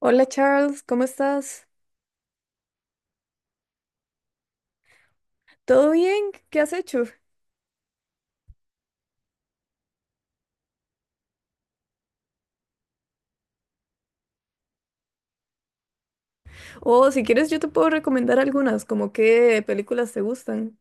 Hola Charles, ¿cómo estás? ¿Todo bien? ¿Qué has hecho? O si quieres yo te puedo recomendar algunas, como qué películas te gustan.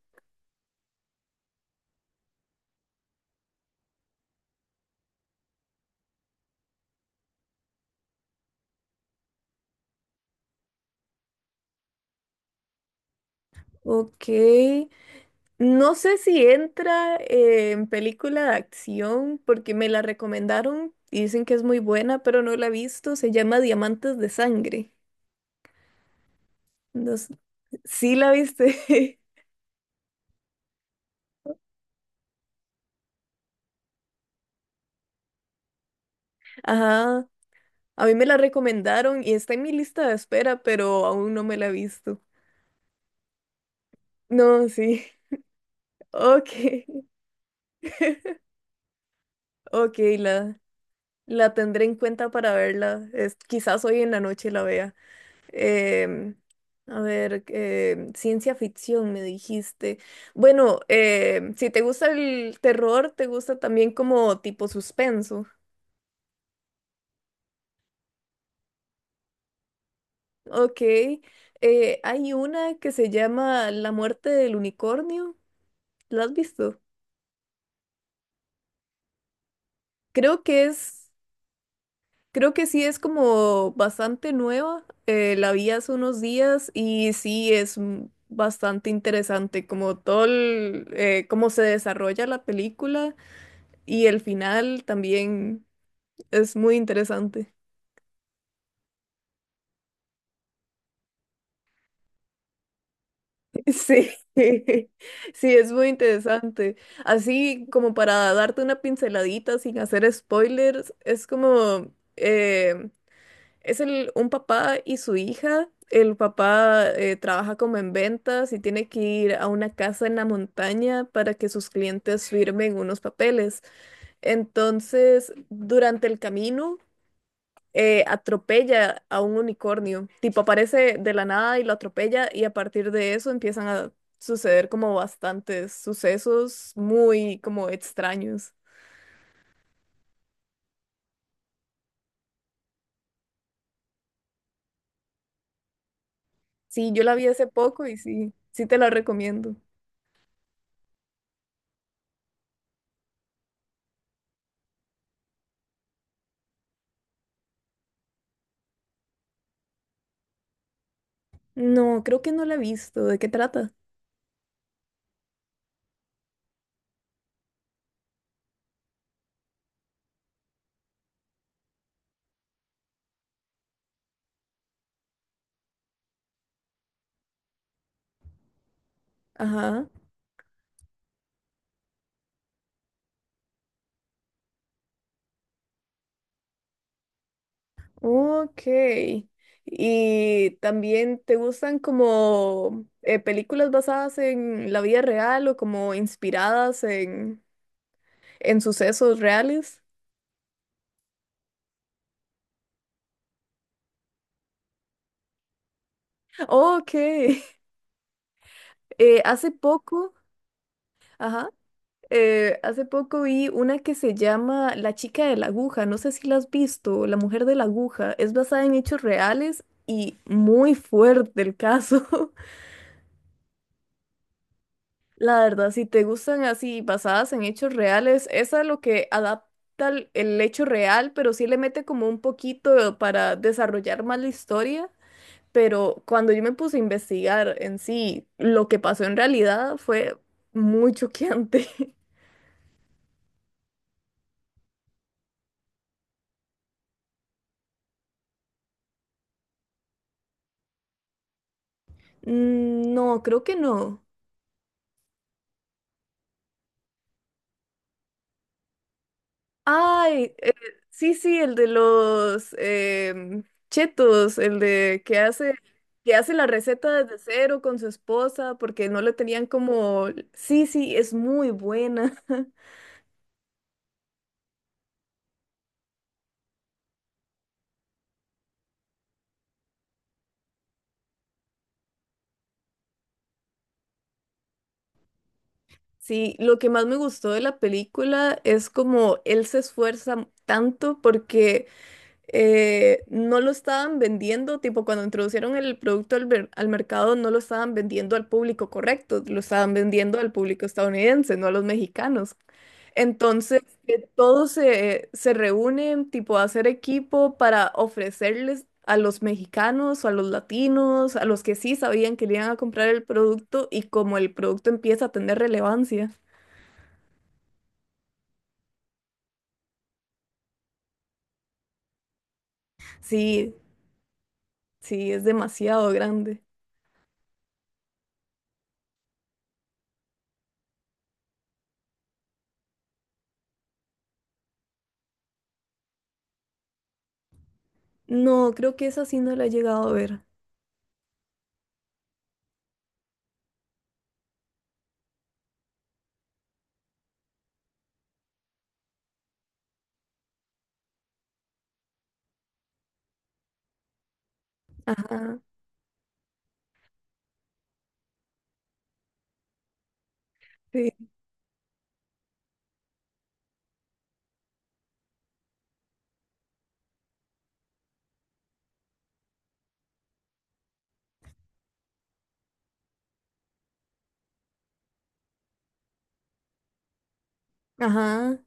Ok, no sé si entra en película de acción porque me la recomendaron y dicen que es muy buena, pero no la he visto. Se llama Diamantes de Sangre. No s- Sí la viste. Ajá, a mí me la recomendaron y está en mi lista de espera, pero aún no me la he visto. No, sí. Ok, ok, La tendré en cuenta para verla. Quizás hoy en la noche la vea. Em, a ver, ciencia ficción, me dijiste. Bueno, si te gusta el terror, te gusta también como tipo suspenso. Ok. Hay una que se llama La muerte del unicornio. ¿La has visto? Creo que es. Creo que sí es como bastante nueva. La vi hace unos días y sí es bastante interesante como todo el, cómo se desarrolla la película y el final también es muy interesante. Sí, sí, es muy interesante. Así como para darte una pinceladita sin hacer spoilers, es como: un papá y su hija. El papá trabaja como en ventas y tiene que ir a una casa en la montaña para que sus clientes firmen unos papeles. Entonces, durante el camino, atropella a un unicornio. Tipo, aparece de la nada y lo atropella y a partir de eso empiezan a suceder como bastantes sucesos muy como extraños. Sí, yo la vi hace poco y sí, sí te la recomiendo. No, creo que no la he visto. ¿De qué trata? Ajá, ok. ¿Y también te gustan como películas basadas en la vida real o como inspiradas en sucesos reales? Ok. Eh, hace poco, ajá, hace poco vi una que se llama La chica de la aguja, no sé si la has visto, La mujer de la aguja, es basada en hechos reales y muy fuerte el caso. La verdad, si te gustan así basadas en hechos reales, esa es lo que adapta el hecho real, pero sí le mete como un poquito para desarrollar más la historia. Pero cuando yo me puse a investigar en sí, lo que pasó en realidad fue muy choqueante. Mm, no, creo que no. Ay, sí, sí, el de los chetos, el de que hace la receta desde cero con su esposa porque no le tenían como... Sí, sí, es muy buena. Sí, lo que más me gustó de la película es como él se esfuerza tanto porque... no lo estaban vendiendo, tipo cuando introducieron el producto al mercado, no lo estaban vendiendo al público correcto, lo estaban vendiendo al público estadounidense, no a los mexicanos. Entonces, que todos se reúnen, tipo, a hacer equipo para ofrecerles a los mexicanos o a los latinos, a los que sí sabían que le iban a comprar el producto y como el producto empieza a tener relevancia. Sí, sí, es demasiado grande. No, creo que esa sí no la he llegado a ver. Ajá. Sí, ajá.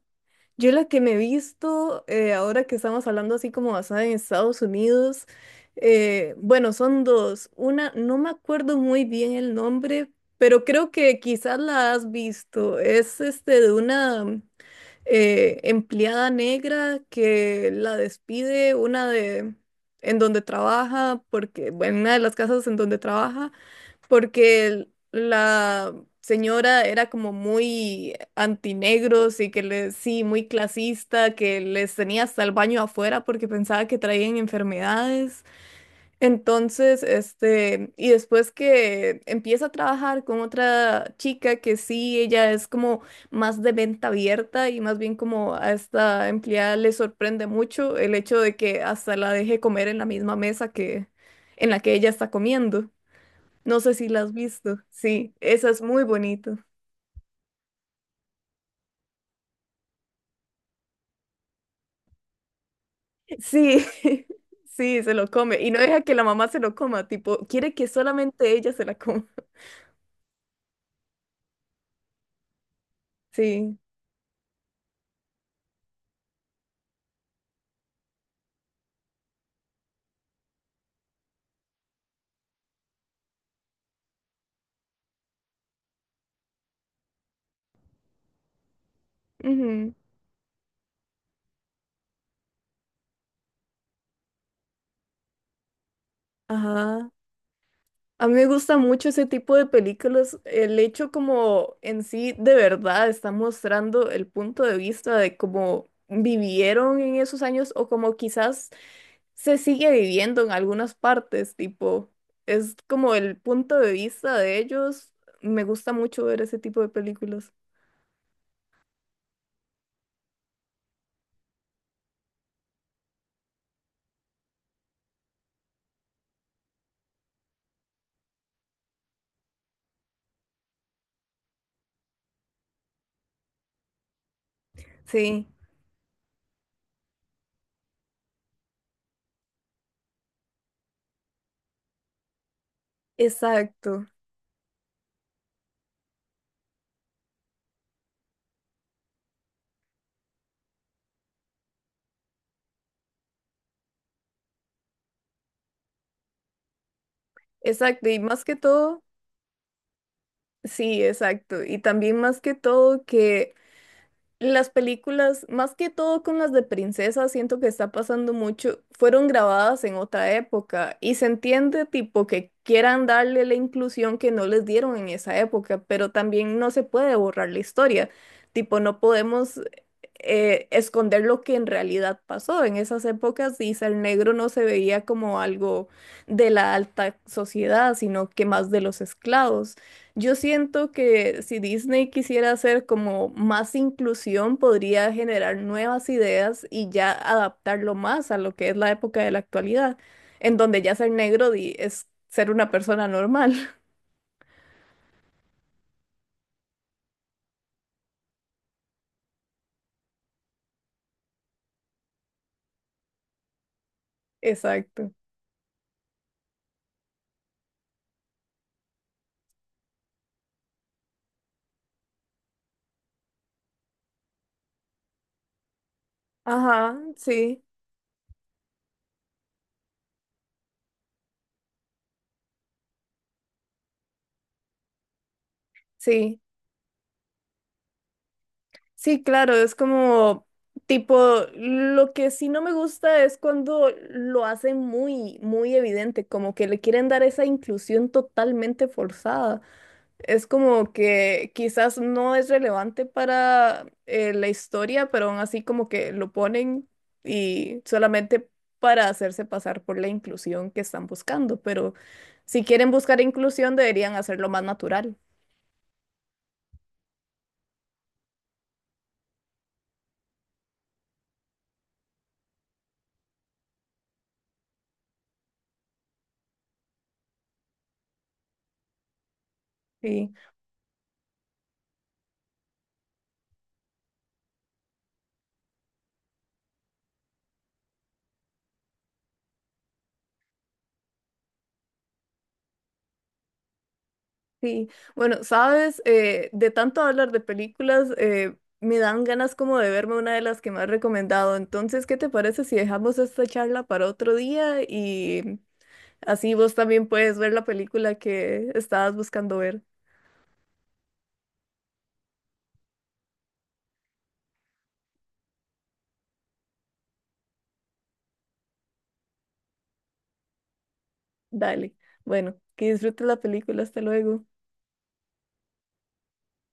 Yo la que me he visto, ahora que estamos hablando así como basada en Estados Unidos, bueno, son dos. Una, no me acuerdo muy bien el nombre, pero creo que quizás la has visto. Es este de una. Empleada negra que la despide una de en donde trabaja porque en una de las casas en donde trabaja porque la señora era como muy antinegros y que le sí muy clasista que les tenía hasta el baño afuera porque pensaba que traían enfermedades. Entonces, este, y después que empieza a trabajar con otra chica que sí, ella es como más de venta abierta y más bien como a esta empleada le sorprende mucho el hecho de que hasta la deje comer en la misma mesa que en la que ella está comiendo. No sé si la has visto. Sí, esa es muy bonito. Sí, sí, se lo come y no deja que la mamá se lo coma, tipo, quiere que solamente ella se la coma. Sí. Ujú. Ajá. A mí me gusta mucho ese tipo de películas. El hecho como en sí de verdad está mostrando el punto de vista de cómo vivieron en esos años o como quizás se sigue viviendo en algunas partes, tipo, es como el punto de vista de ellos. Me gusta mucho ver ese tipo de películas. Sí, exacto, exacto. Y más que todo, sí, exacto. Y también más que todo que las películas, más que todo con las de princesas, siento que está pasando mucho, fueron grabadas en otra época y se entiende tipo que quieran darle la inclusión que no les dieron en esa época, pero también no se puede borrar la historia, tipo no podemos esconder lo que en realidad pasó en esas épocas, y el negro no se veía como algo de la alta sociedad, sino que más de los esclavos. Yo siento que si Disney quisiera hacer como más inclusión, podría generar nuevas ideas y ya adaptarlo más a lo que es la época de la actualidad, en donde ya ser negro es ser una persona normal. Exacto. Ajá, sí, sí. Sí, claro, es como tipo, lo que sí no me gusta es cuando lo hacen muy, muy evidente, como que le quieren dar esa inclusión totalmente forzada. Es como que quizás no es relevante para la historia, pero aún así como que lo ponen y solamente para hacerse pasar por la inclusión que están buscando. Pero si quieren buscar inclusión, deberían hacerlo más natural. Sí, sí. Bueno, sabes, de tanto hablar de películas, me dan ganas como de verme una de las que me has recomendado. Entonces, ¿qué te parece si dejamos esta charla para otro día y así vos también puedes ver la película que estabas buscando ver? Dale. Bueno, que disfrutes la película. Hasta luego.